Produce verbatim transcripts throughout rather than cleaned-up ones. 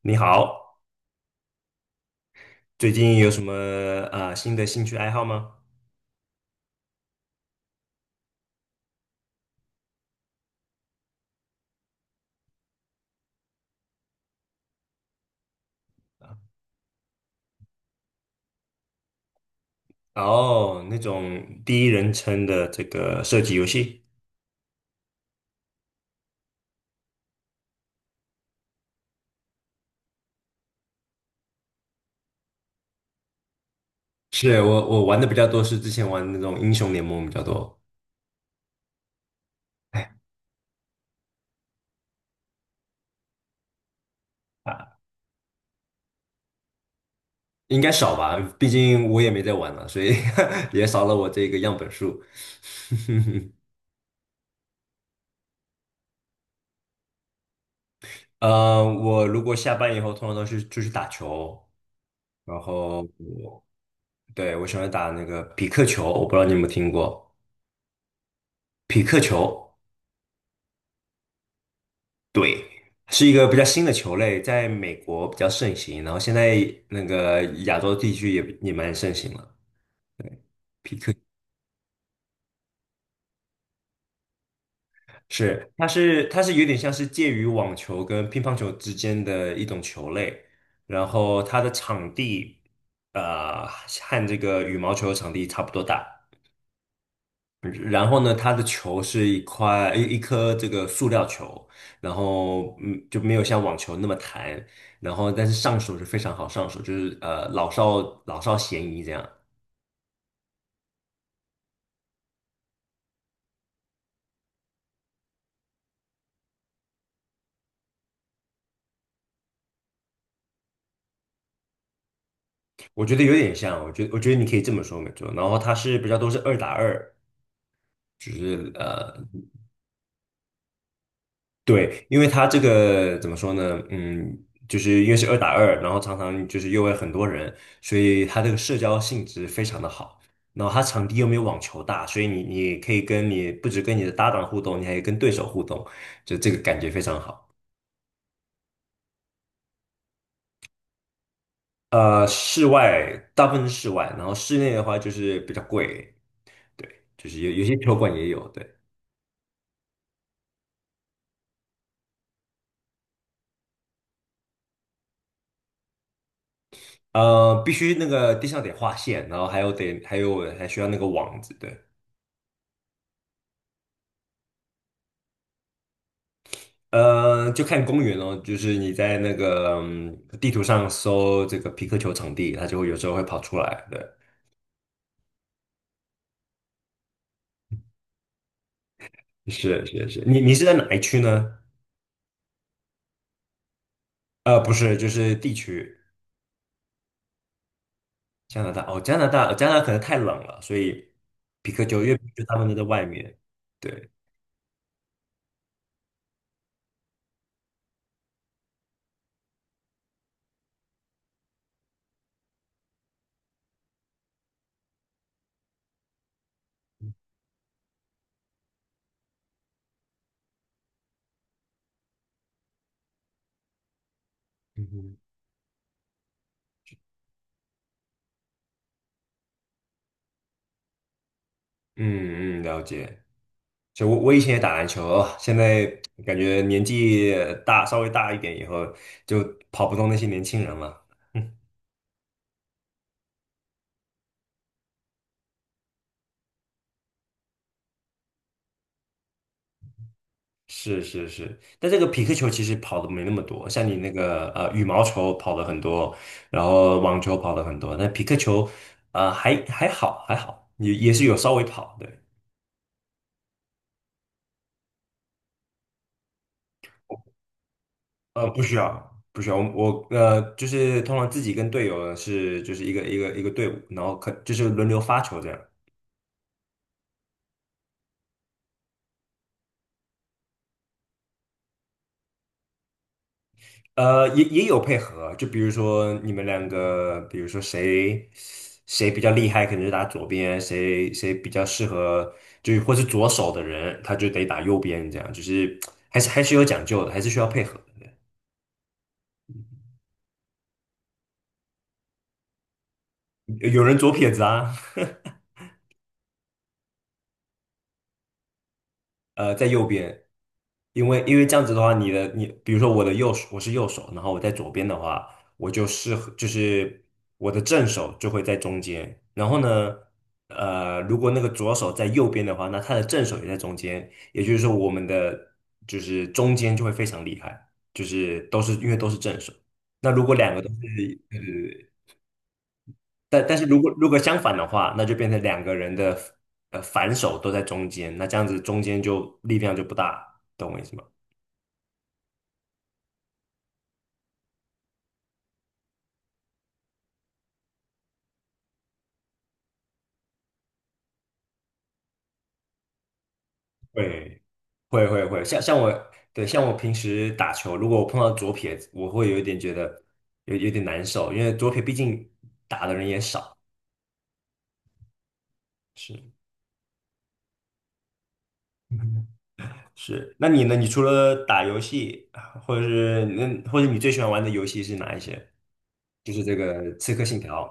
你好，最近有什么啊新的兴趣爱好吗？哦，那种第一人称的这个射击游戏，是我我玩的比较多，是之前玩那种英雄联盟比较多，应该少吧，毕竟我也没在玩了，所以 也少了我这个样本数。呃，我如果下班以后，通常都是出去打球，然后我对，我喜欢打那个匹克球，我不知道你有没有听过匹克球。对，是一个比较新的球类，在美国比较盛行，然后现在那个亚洲地区也也蛮盛行了。是，它是它是有点像是介于网球跟乒乓球之间的一种球类，然后它的场地，呃，和这个羽毛球场地差不多大，然后呢，它的球是一块一一颗这个塑料球，然后嗯就没有像网球那么弹，然后但是上手是非常好上手，就是呃老少老少咸宜这样，我觉得有点像，我觉得我觉得你可以这么说没错，然后它是比较都是二打二，对，因为他这个怎么说呢？嗯，就是因为是二打二，然后常常就是又会很多人，所以他这个社交性质非常的好。然后他场地又没有网球大，所以你你可以跟你不止跟你的搭档互动，你还可以跟对手互动，就这个感觉非常好。呃，室外大部分是室外，然后室内的话就是比较贵，对，就是有有些球馆也有，对，呃，必须那个地上得画线，然后还有得还有还需要那个网子，对。呃，就看公园哦，就是你在那个嗯地图上搜这个皮克球场地，它就会有时候会跑出来。对，是是是，你你是在哪一区呢？呃，不是，就是地区，加拿大。哦，加拿大，加拿大可能太冷了，所以皮克球，因为皮克球大部分都在外面。对，嗯哼嗯嗯，了解。就我我以前也打篮球哦现在感觉年纪大，稍微大一点以后，就跑不动那些年轻人了。是是是，但这个匹克球其实跑的没那么多，像你那个呃羽毛球跑了很多，然后网球跑了很多，但匹克球呃还还好还好，也也是有稍微跑，对，呃不需要不需要，我呃就是通常自己跟队友是就是一个一个一个队伍，然后可就是轮流发球这样。呃，也也有配合啊，就比如说你们两个，比如说谁谁比较厉害，可能就打左边，谁谁比较适合，就是或是左手的人，他就得打右边，这样就是还是还是有讲究的，还是需要配合的。有有人左撇子啊，呃，在右边，因为因为这样子的话，你的你，比如说我的右手，我是右手，然后我在左边的话，我就适合就是我的正手就会在中间，然后呢，呃，如果那个左手在右边的话，那他的正手也在中间，也就是说我们的就是中间就会非常厉害，就是都是因为都是正手。那如果两个都是，呃。但但是如果如果相反的话，那就变成两个人的呃反手都在中间，那这样子中间就力量就不大，懂我意思吗？会会会会，像像我对像我平时打球，如果我碰到左撇子，我会有一点觉得有有点难受，因为左撇毕竟打的人也少。是嗯是，那你呢？你除了打游戏，或者是那或者你最喜欢玩的游戏是哪一些？就是这个《刺客信条》。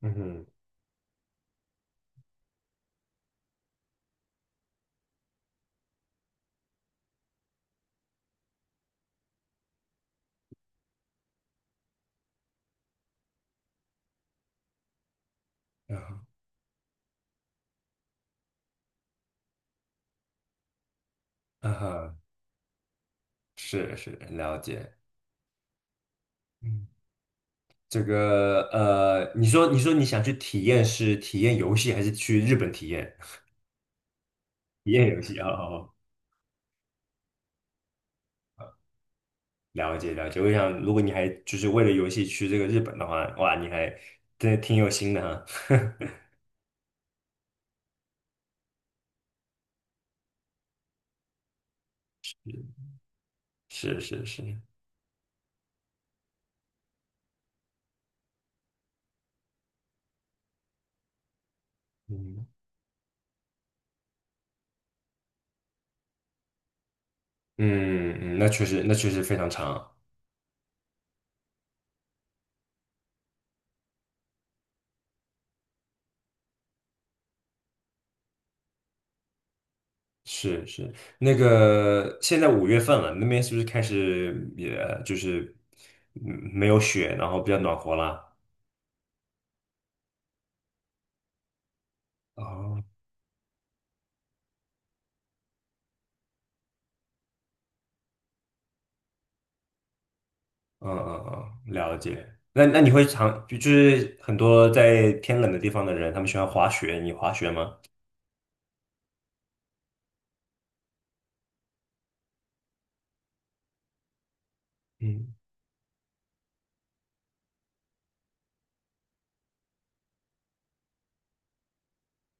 嗯哼，嗯哼。是是，了解。嗯。这个呃，你说你说你想去体验是体验游戏，还是去日本体验？体验游戏哦，哦了解了解。我想，如果你还就是为了游戏去这个日本的话，哇，你还真的挺有心的哈。是是是，嗯嗯嗯，那确实那确实非常长。是是，那个现在五月份了，那边是不是开始也就是嗯没有雪，然后比较暖和了？哦，嗯嗯嗯，了解。那那你会常就就是很多在天冷的地方的人，他们喜欢滑雪，你滑雪吗？嗯，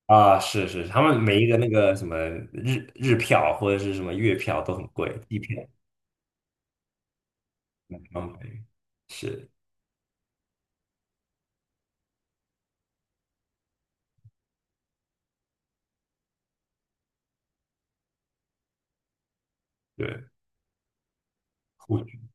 啊，是是，他们每一个那个什么日日票或者是什么月票都很贵，季票嗯，是，对，我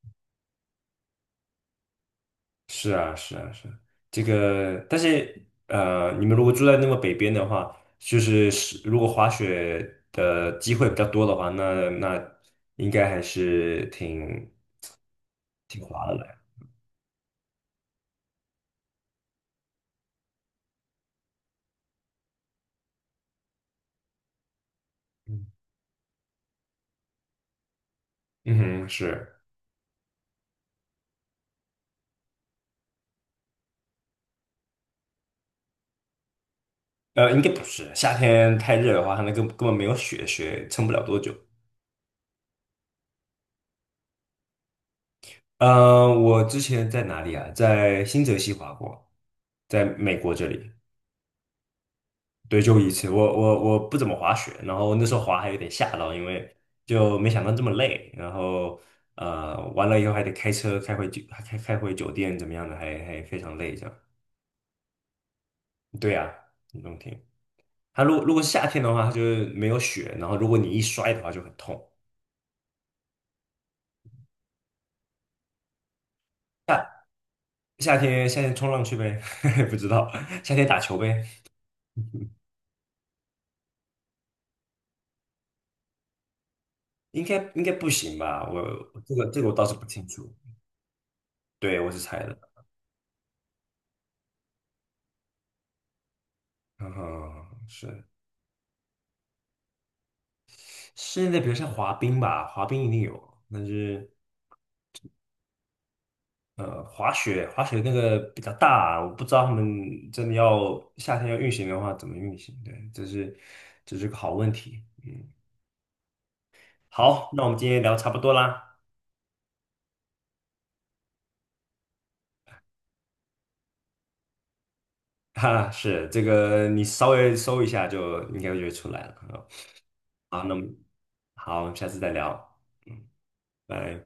是啊是啊是啊这个，但是呃，你们如果住在那么北边的话，就是是如果滑雪的机会比较多的话，那那应该还是挺挺划得来。嗯哼，是，呃，应该不是，夏天太热的话，它那根根本没有雪，雪撑不了多久。呃，我之前在哪里啊？在新泽西滑过，在美国这里，对，就一次。我我我不怎么滑雪，然后那时候滑还有点吓到，因为就没想到这么累。然后呃，完了以后还得开车开回酒，开开回酒店，怎么样的，还还非常累这样。对呀，冬天。它如果如果是夏天的话，它就是没有雪，然后如果你一摔的话就很痛。夏天夏天冲浪去呗，不知道夏天打球呗，应该应该不行吧？我我这个这个我倒是不清楚，对我是猜的，嗯，是室内的比如像滑冰吧，滑冰一定有，但是呃，滑雪滑雪那个比较大，我不知道他们真的要夏天要运行的话怎么运行，对，这是这是个好问题，嗯，好，那我们今天聊差不多啦。哈，是这个，你稍微搜一下就应该就会出来了啊。好，那么好，我们下次再聊，嗯，拜。